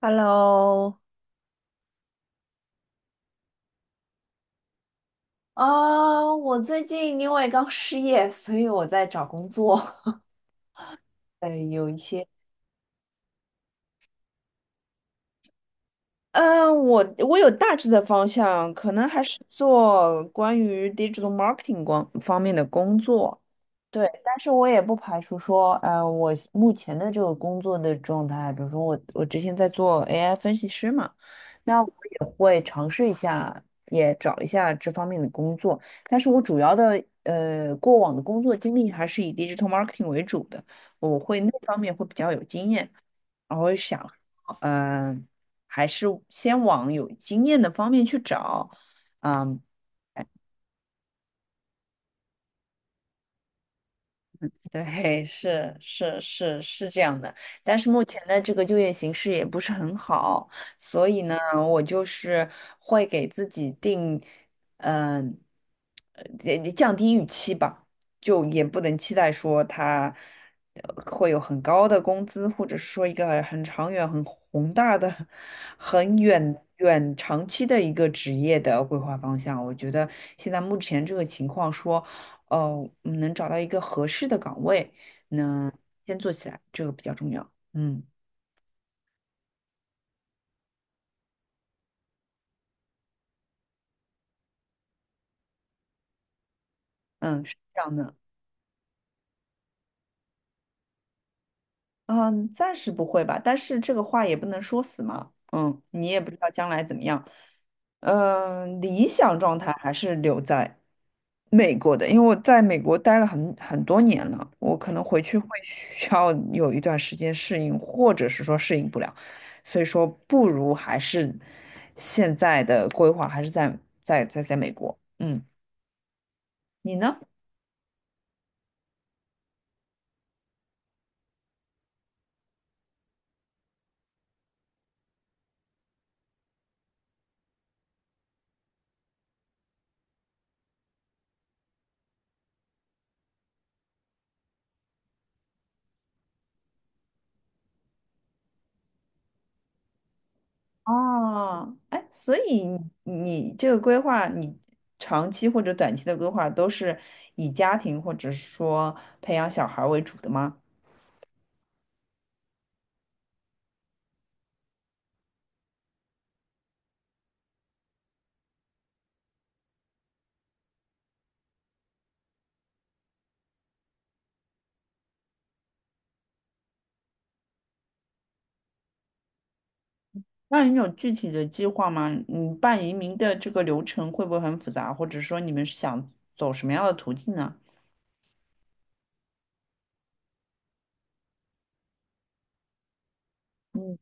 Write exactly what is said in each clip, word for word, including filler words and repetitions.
Hello，啊我最近因为刚失业，所以我在找工作。呃，有一些，嗯，我我有大致的方向，可能还是做关于 digital marketing 光方面的工作。对，但是我也不排除说，呃，我目前的这个工作的状态，比如说我我之前在做 A I 分析师嘛，那我也会尝试一下，也找一下这方面的工作。但是我主要的呃过往的工作经历还是以 digital marketing 为主的，我会那方面会比较有经验，然后想，嗯、还是先往有经验的方面去找，嗯、对，是是是是这样的，但是目前的这个就业形势也不是很好，所以呢，我就是会给自己定，嗯、呃，也也降低预期吧，就也不能期待说他会有很高的工资，或者是说一个很长远、很宏大的、很远远长期的一个职业的规划方向。我觉得现在目前这个情况说。哦，嗯能找到一个合适的岗位，那先做起来，这个比较重要。嗯嗯，是这样的。嗯，暂时不会吧，但是这个话也不能说死嘛。嗯，你也不知道将来怎么样。嗯，理想状态还是留在美国的，因为我在美国待了很很多年了，我可能回去会 需要有一段时间适应，或者是说适应不了，所以说不如还是现在的规划还是在在在在美国。嗯，你呢？哦，哎，所以你你这个规划，你长期或者短期的规划都是以家庭或者说培养小孩儿为主的吗？那你有具体的计划吗？你办移民的这个流程会不会很复杂，或者说你们是想走什么样的途径呢？嗯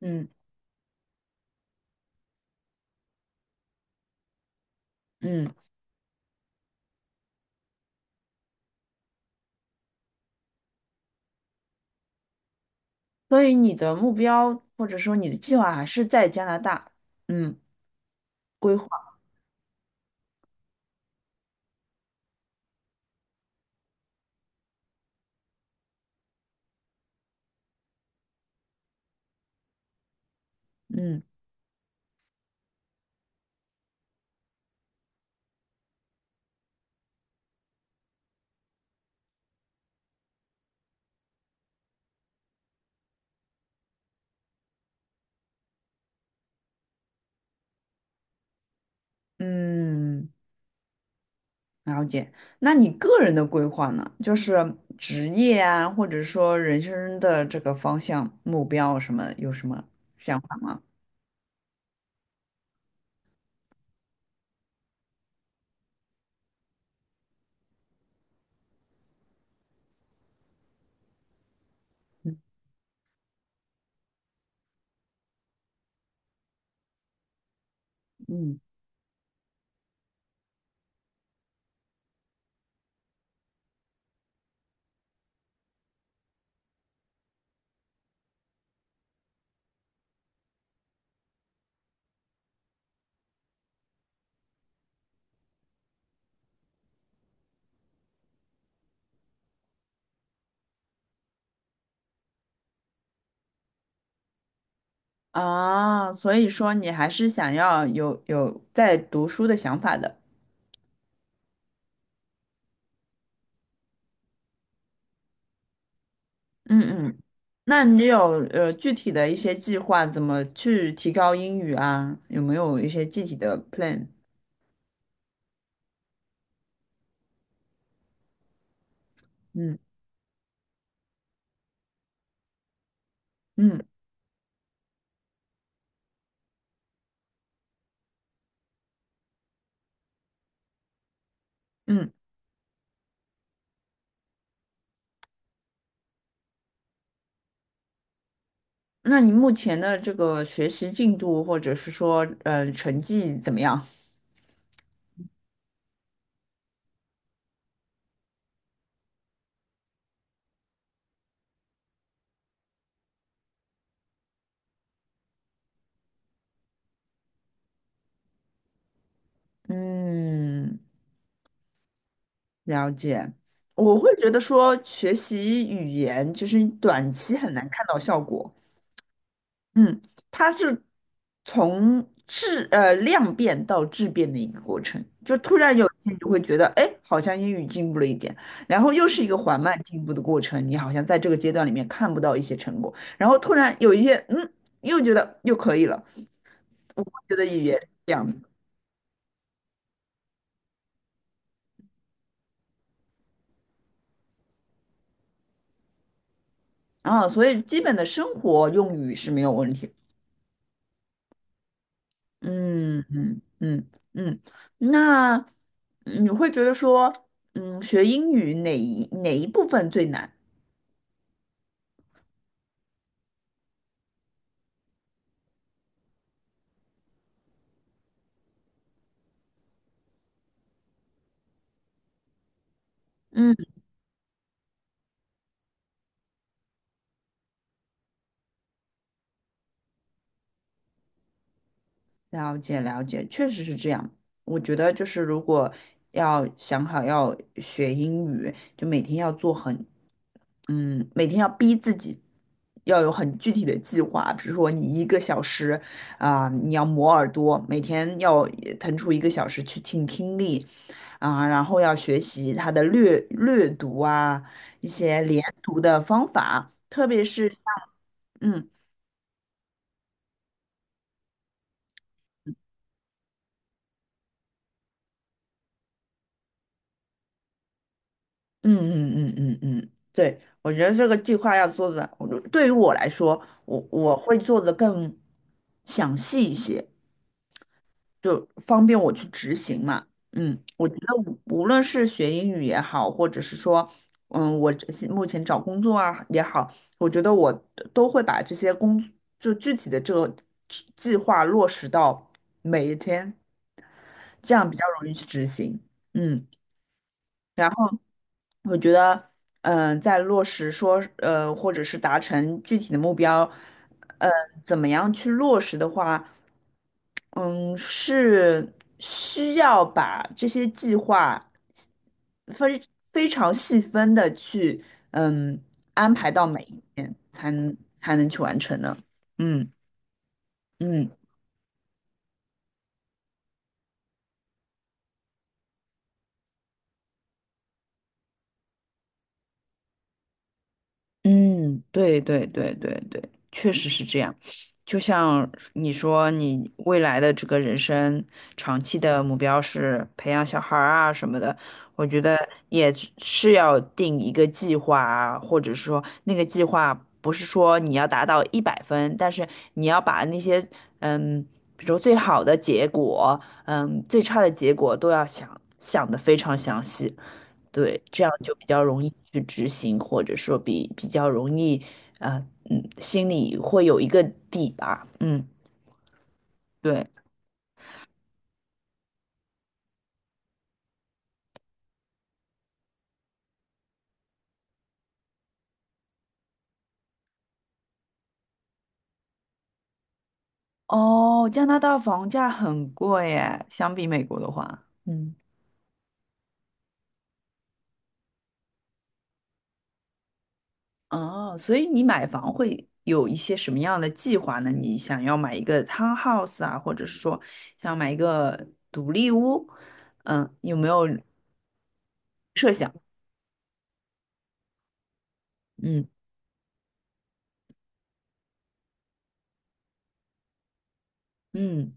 嗯嗯，所以你的目标或者说你的计划还是在加拿大，嗯，规划，嗯嗯。了解，那你个人的规划呢？就是职业啊，或者说人生的这个方向、目标什么，有什么想法吗？嗯嗯啊，所以说你还是想要有有在读书的想法的。嗯嗯，那你有呃具体的一些计划，怎么去提高英语啊？有没有一些具体的 plan？嗯嗯嗯，那你目前的这个学习进度，或者是说呃成绩怎么样？嗯，了解。我会觉得说，学习语言就是你短期很难看到效果。嗯，它是从质呃量变到质变的一个过程，就突然有一天你就会觉得，哎，好像英语进步了一点，然后又是一个缓慢进步的过程，你好像在这个阶段里面看不到一些成果，然后突然有一天，嗯，又觉得又可以了。我会觉得语言是这样子啊，所以基本的生活用语是没有问题的嗯嗯嗯嗯，那嗯你会觉得说，嗯，学英语哪一哪一部分最难？嗯。了解了解，确实是这样。我觉得就是如果要想好要学英语，就每天要做很，嗯，每天要逼自己要有很具体的计划。比如说你一个小时啊、你要磨耳朵，每天要呃腾出一个小时去听听力啊、然后要学习它的略略读啊，一些连读的方法，特别是像嗯。嗯嗯嗯嗯嗯，对，我觉得这个计划要做的，我对于我来说，我我会做的更详细一些，就方便我去执行嘛。嗯，我觉得无无论是学英语也好，或者是说，嗯，我这些目前找工作啊也好，我觉得我都会把这些工作就具体的这个计计划落实到每一天，这样比较容易去执行。嗯。然我觉得，嗯、在落实说，呃，或者是达成具体的目标，嗯，怎么样去落实的话，嗯，是需要把这些计划非非常细分的去，嗯，安排到每一天，才能才能去完成的。嗯嗯。嗯，对对对对对，确实是这样。就像你说，你未来的这个人生长期的目标是培养小孩儿啊什么的，我觉得也是是要定一个计划啊，或者说那个计划不是说你要达到一百分，但是你要把那些嗯，比如说最好的结果，嗯，最差的结果都要想想得非常详细。对，这样就比较容易去执行，或者说比比较容易，啊，嗯，心里会有一个底吧，嗯，对，哦，加拿大房价很贵耶，相比美国的话，嗯，哦，所以你买房会有一些什么样的计划呢？你想要买一个 townhouse 啊，或者是说想要买一个独立屋，嗯，有没有？嗯嗯。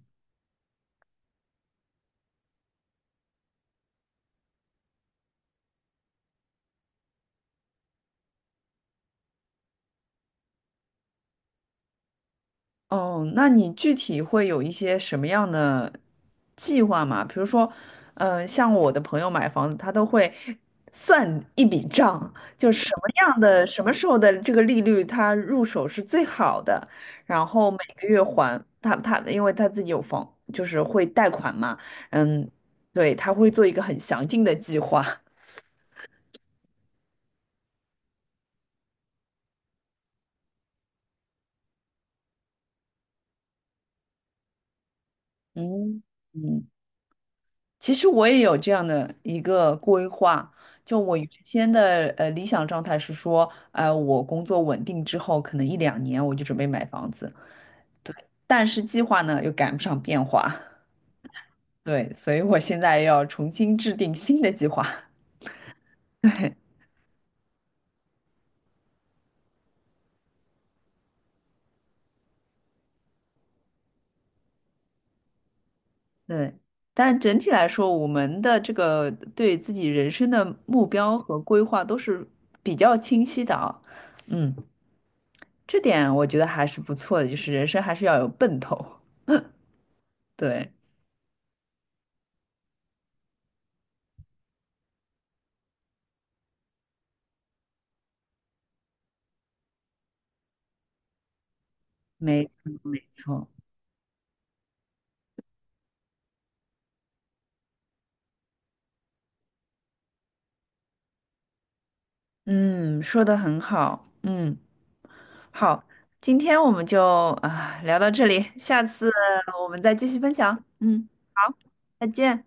哦，那你具体会有一些什么样的计划吗？比如说，嗯、像我的朋友买房子，他都会算一笔账，就什么样的、什么时候的这个利率，他入手是最好的，然后每个月还他他，因为他自己有房，就是会贷款嘛，嗯，对，他会做一个很详尽的计划。嗯嗯，其实我也有这样的一个规划，就我原先的呃理想状态是说，呃，我工作稳定之后，可能一两年我就准备买房子，但是计划呢又赶不上变化，对，所以我现在要重新制定新的计划，对对。但整体来说，我们的这个对自己人生的目标和规划都是比较清晰的啊，嗯，这点我觉得还是不错的，就是人生还是要有奔头，对。没错，没错，嗯，说的很好，嗯，好，今天我们就啊聊到这里，下次我们再继续分享，嗯，好，再见。